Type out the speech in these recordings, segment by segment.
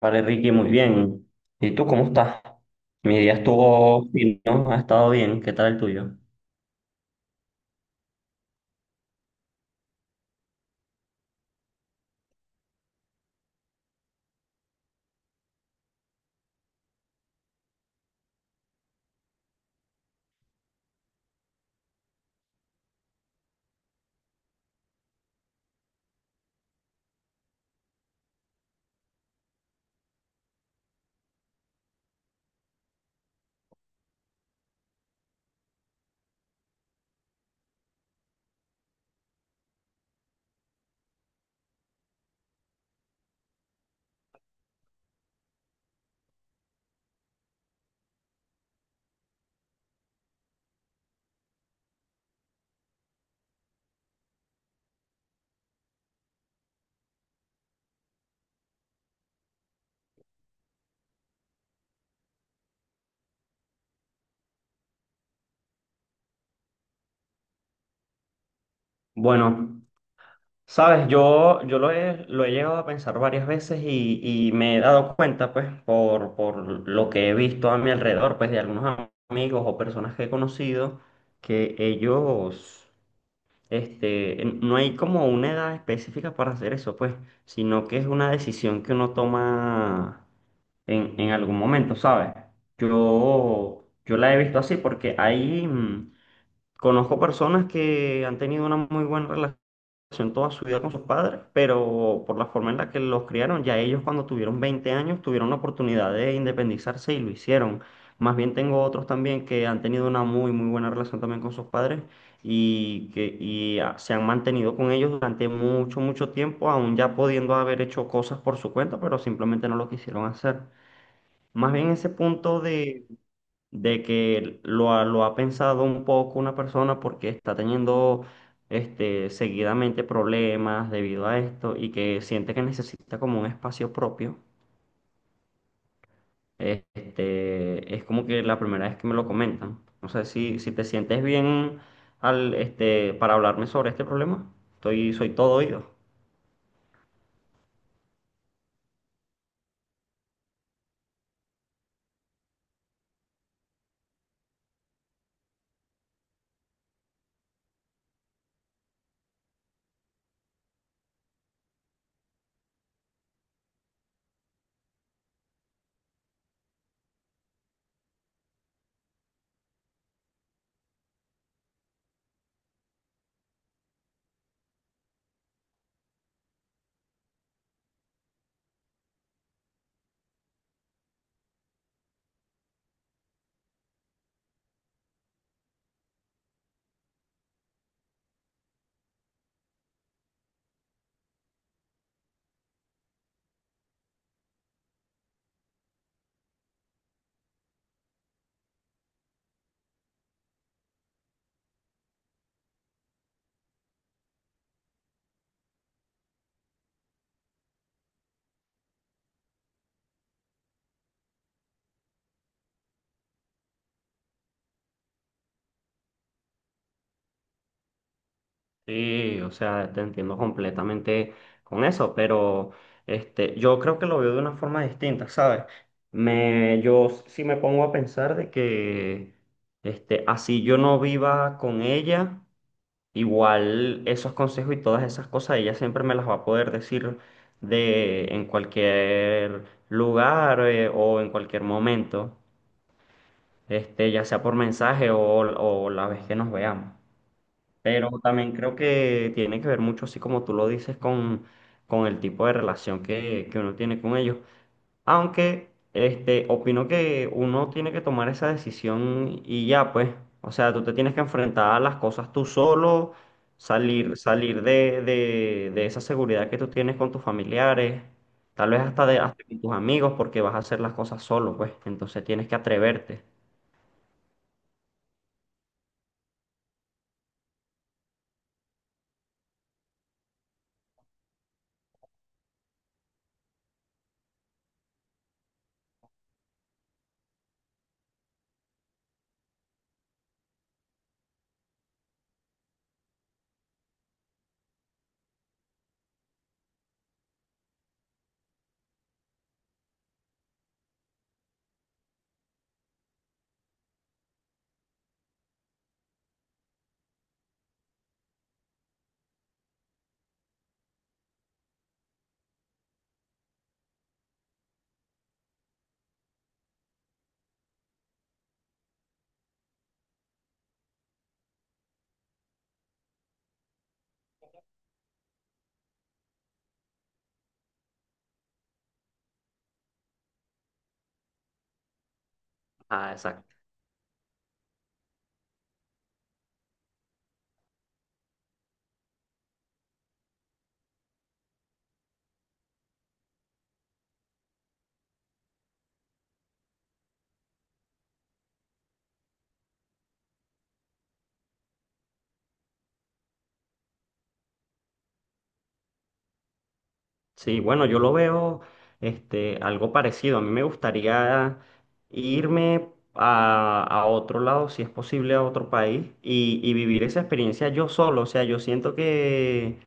Vale, Ricky, muy bien. ¿Y tú cómo estás? Mi día estuvo fino, ha estado bien. ¿Qué tal el tuyo? Bueno, sabes, yo lo he llegado a pensar varias veces y me he dado cuenta, pues, por lo que he visto a mi alrededor, pues, de algunos amigos o personas que he conocido, que ellos, no hay como una edad específica para hacer eso, pues, sino que es una decisión que uno toma en algún momento, ¿sabes? Yo la he visto así porque ahí conozco personas que han tenido una muy buena relación toda su vida con sus padres, pero por la forma en la que los criaron, ya ellos cuando tuvieron 20 años tuvieron la oportunidad de independizarse y lo hicieron. Más bien tengo otros también que han tenido una muy, muy buena relación también con sus padres y se han mantenido con ellos durante mucho, mucho tiempo, aún ya pudiendo haber hecho cosas por su cuenta, pero simplemente no lo quisieron hacer. Más bien ese punto de que lo ha pensado un poco una persona porque está teniendo seguidamente problemas debido a esto y que siente que necesita como un espacio propio. Es como que la primera vez que me lo comentan. No sé si te sientes bien para hablarme sobre este problema. Soy todo oído. Sí, o sea, te entiendo completamente con eso, pero yo creo que lo veo de una forma distinta, ¿sabes? Yo sí me pongo a pensar de que, así yo no viva con ella, igual esos consejos y todas esas cosas, ella siempre me las va a poder decir en cualquier lugar, o en cualquier momento, ya sea por mensaje o la vez que nos veamos. Pero también creo que tiene que ver mucho, así como tú lo dices, con el tipo de relación que uno tiene con ellos. Aunque, opino que uno tiene que tomar esa decisión y ya, pues. O sea, tú te tienes que enfrentar a las cosas tú solo, salir de esa seguridad que tú tienes con tus familiares, tal vez hasta con tus amigos, porque vas a hacer las cosas solo, pues. Entonces tienes que atreverte. Ah, exacto. Sí, bueno, yo lo veo, algo parecido. A mí me gustaría irme a otro lado, si es posible, a otro país y vivir esa experiencia yo solo. O sea, yo siento que,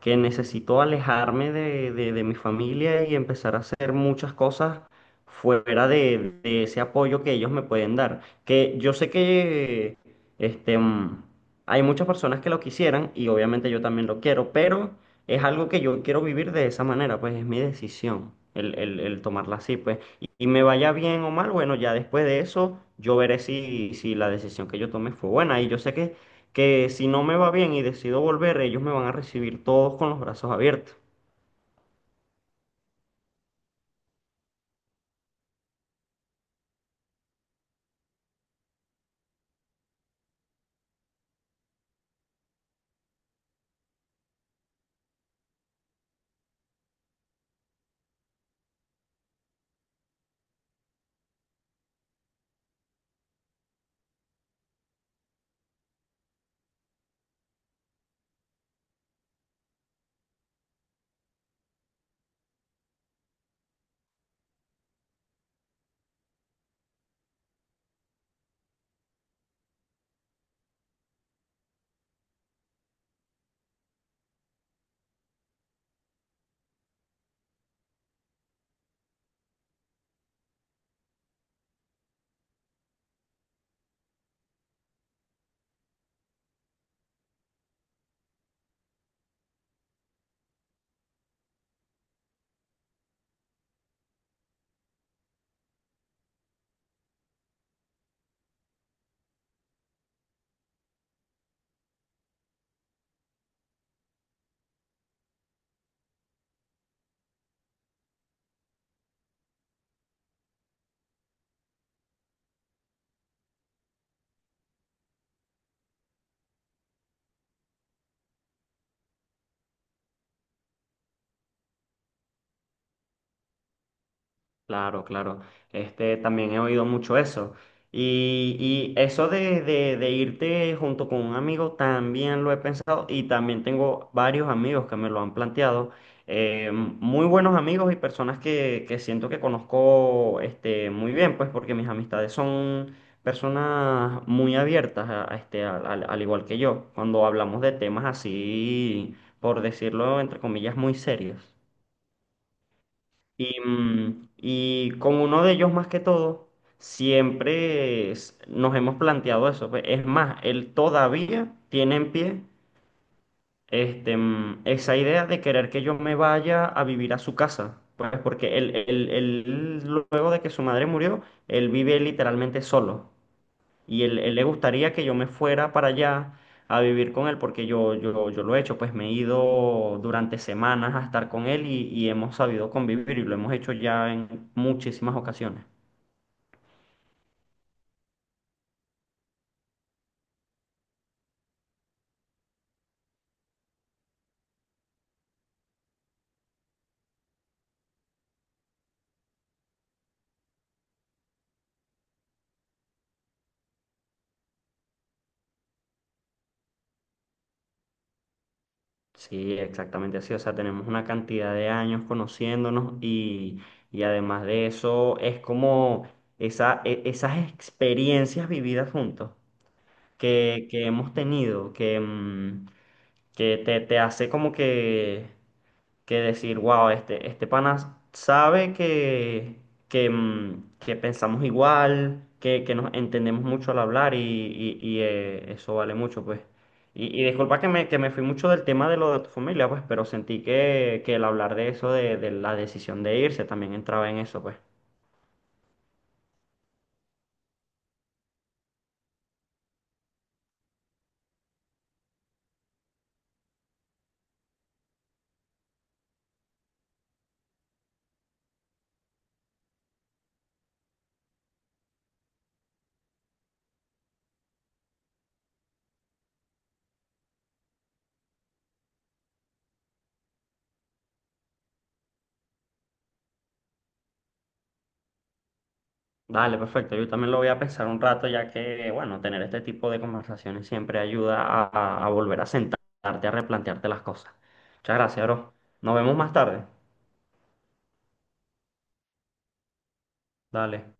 que necesito alejarme de mi familia y empezar a hacer muchas cosas fuera de ese apoyo que ellos me pueden dar. Que yo sé que, este, mm, hay muchas personas que lo quisieran y obviamente yo también lo quiero, pero es algo que yo quiero vivir de esa manera, pues es mi decisión el tomarla así, pues. Y me vaya bien o mal, bueno, ya después de eso yo veré si la decisión que yo tome fue buena. Y yo sé que si no me va bien y decido volver, ellos me van a recibir todos con los brazos abiertos. Claro, claro. También he oído mucho eso. Y, y eso de irte junto con un amigo también lo he pensado y también tengo varios amigos que me lo han planteado. Muy buenos amigos y personas que siento que conozco, muy bien, pues porque mis amistades son personas muy abiertas, a este, al, al al igual que yo, cuando hablamos de temas así, por decirlo entre comillas, muy serios. Y con uno de ellos más que todo, siempre nos hemos planteado eso, pues. Es más, él todavía tiene en pie, esa idea de querer que yo me vaya a vivir a su casa. Pues porque luego de que su madre murió, él vive literalmente solo. Y él le gustaría que yo me fuera para allá a vivir con él, porque yo lo he hecho, pues me he ido durante semanas a estar con él y hemos sabido convivir y lo hemos hecho ya en muchísimas ocasiones. Sí, exactamente así. O sea, tenemos una cantidad de años conociéndonos y además de eso es como esas experiencias vividas juntos que hemos tenido, que te hace como que decir, wow, este pana sabe que pensamos igual, que nos entendemos mucho al hablar y eso vale mucho, pues. Y disculpa que me fui mucho del tema de lo de tu familia, pues, pero sentí que el hablar de eso, de la decisión de irse, también entraba en eso, pues. Dale, perfecto. Yo también lo voy a pensar un rato, ya que, bueno, tener este tipo de conversaciones siempre ayuda a volver a sentarte, a replantearte las cosas. Muchas gracias, bro. Nos vemos más tarde. Dale.